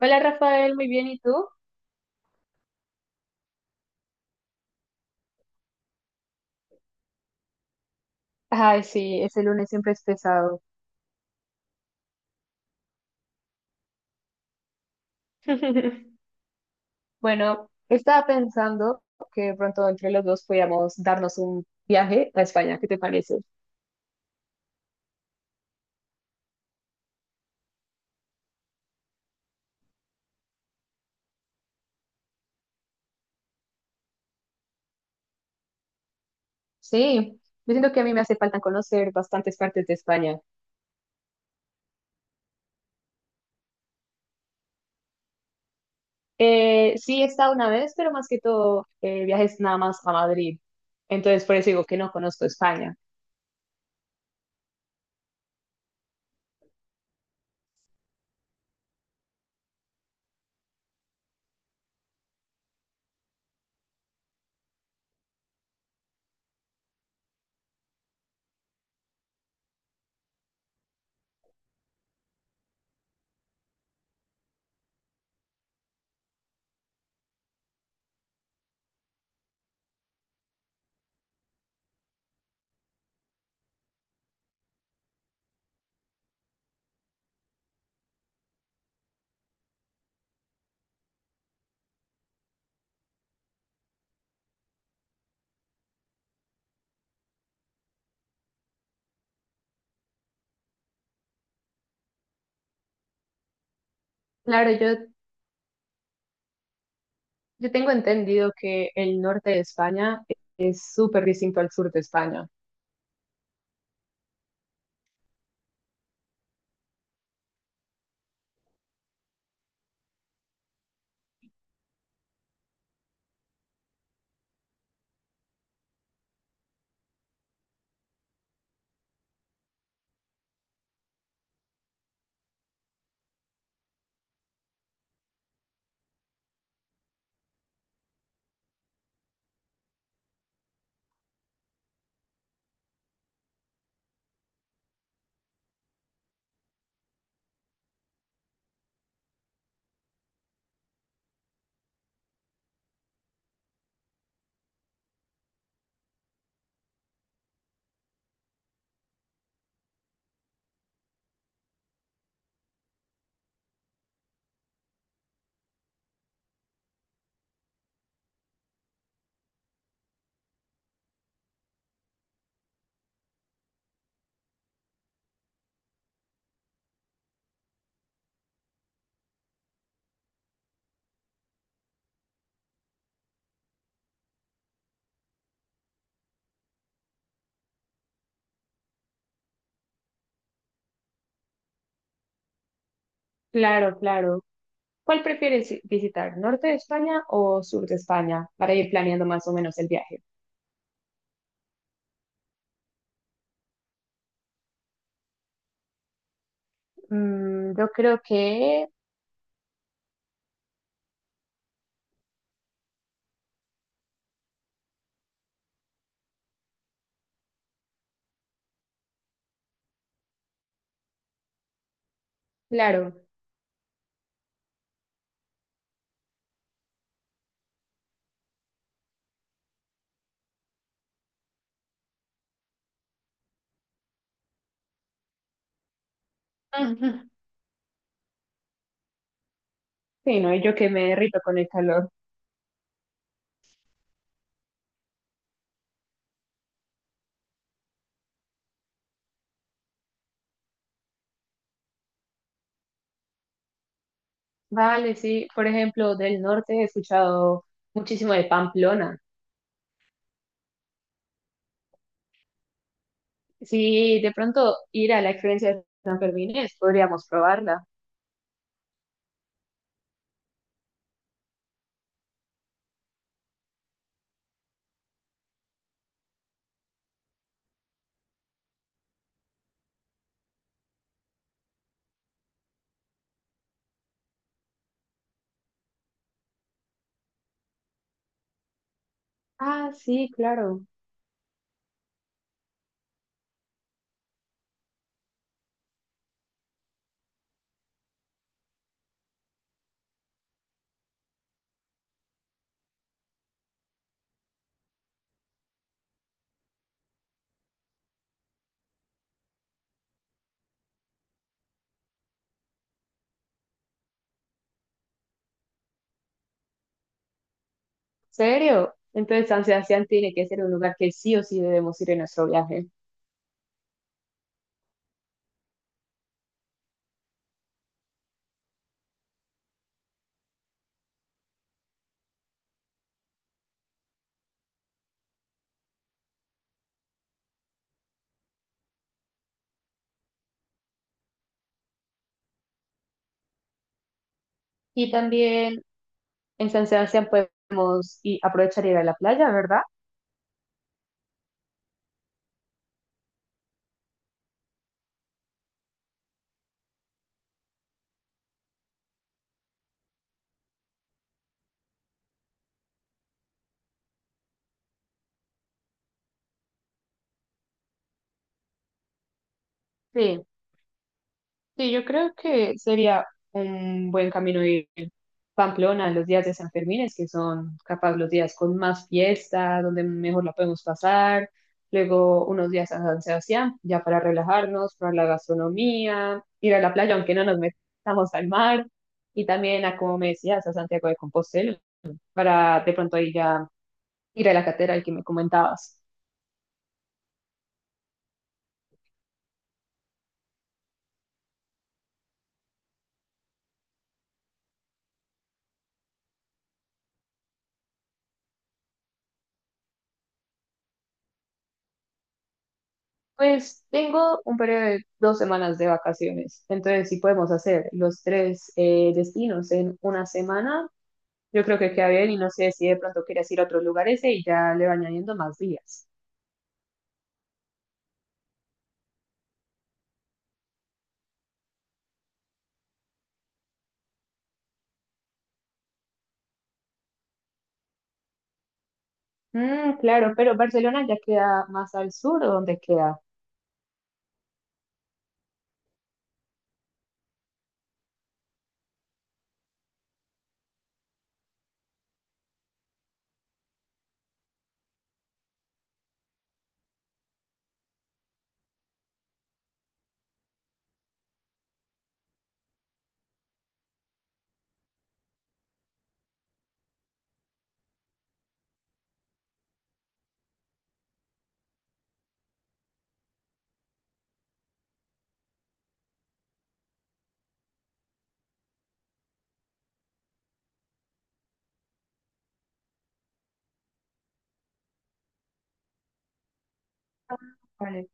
Hola Rafael, muy bien, ¿y tú? Ay, sí, ese lunes siempre es pesado. Bueno, estaba pensando que de pronto entre los dos podíamos darnos un viaje a España, ¿qué te parece? Sí, yo siento que a mí me hace falta conocer bastantes partes de España. Sí, he estado una vez, pero más que todo viajes nada más a Madrid. Entonces, por eso digo que no conozco España. Claro, yo tengo entendido que el norte de España es súper distinto al sur de España. Claro, claro. ¿Cuál prefieres visitar, norte de España o sur de España, para ir planeando más o menos el viaje? Yo creo que, claro. Ujú. Sí, no, y yo que me derrito con el calor. Vale, sí. Por ejemplo, del norte he escuchado muchísimo de Pamplona. Sí, de pronto ir a la experiencia de San Fermín, podríamos probarla. Ah, sí, claro. ¿Serio? Entonces San Sebastián tiene que ser un lugar que sí o sí debemos ir en nuestro viaje. Y también En San Sebastián podemos y aprovechar y ir a la playa, ¿verdad? Sí, sí, yo creo que sería un buen camino ir Pamplona los días de San Fermín, es que son capaz los días con más fiesta, donde mejor la podemos pasar, luego unos días a San Sebastián, ya para relajarnos, para la gastronomía, ir a la playa, aunque no nos metamos al mar, y también a, como me decías, a Santiago de Compostela, para de pronto ahí ya ir a la catedral que me comentabas. Pues tengo un periodo de 2 semanas de vacaciones, entonces si podemos hacer los tres destinos en una semana, yo creo que queda bien y no sé si de pronto quieres ir a otros lugares e y ya le va añadiendo más días. Mm, claro, pero Barcelona ya queda más al sur, ¿o dónde queda? Ah, vale,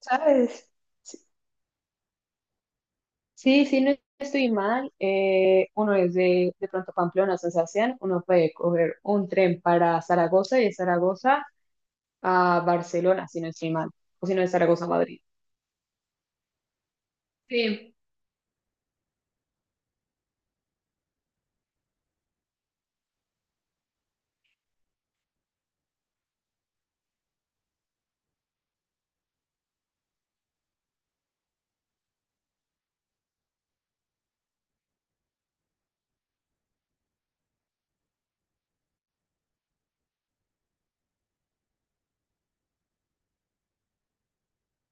¿sabes? Sí, sí, no estoy mal. Uno es de pronto Pamplona, a San Sebastián. Uno puede coger un tren para Zaragoza y de Zaragoza a Barcelona, si no estoy mal, o si no es Zaragoza a Madrid. Sí,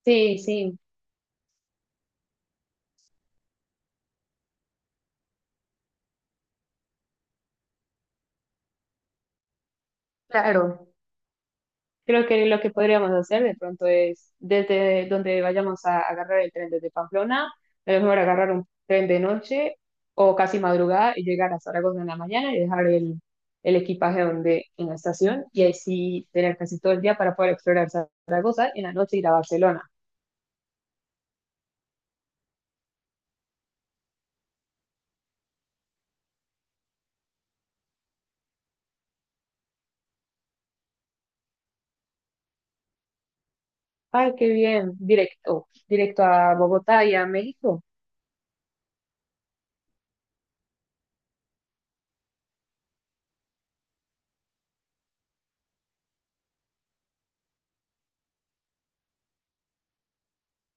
sí, sí, claro. Creo que lo que podríamos hacer de pronto es, desde donde vayamos a agarrar el tren desde Pamplona, a lo mejor agarrar un tren de noche o casi madrugada y llegar a Zaragoza en la mañana y dejar el equipaje donde, en la estación y ahí sí tener casi todo el día para poder explorar Zaragoza y en la noche ir a Barcelona. Ay, qué bien, directo, directo a Bogotá y a México.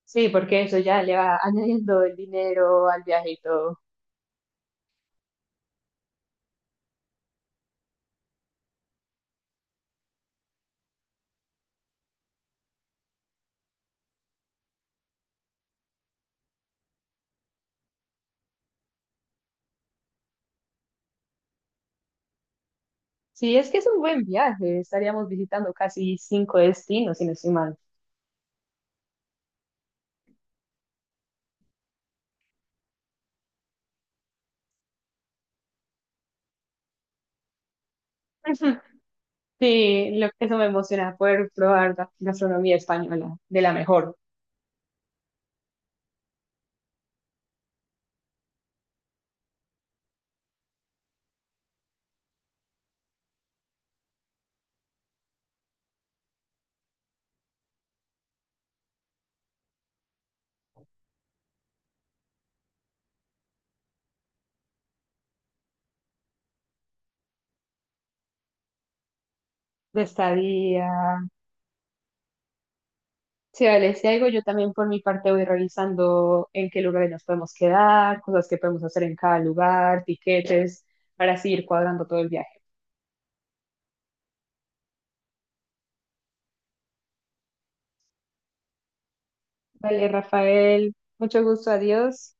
Sí, porque eso ya le va añadiendo el dinero al viaje y todo. Sí, es que es un buen viaje. Estaríamos visitando casi cinco destinos, si no estoy mal. Sí, eso me emociona, poder probar la gastronomía española de la mejor. De estadía. Sí, vale, si algo yo también por mi parte voy revisando en qué lugares nos podemos quedar, cosas que podemos hacer en cada lugar, tiquetes, para así ir cuadrando todo el viaje. Vale, Rafael, mucho gusto, adiós.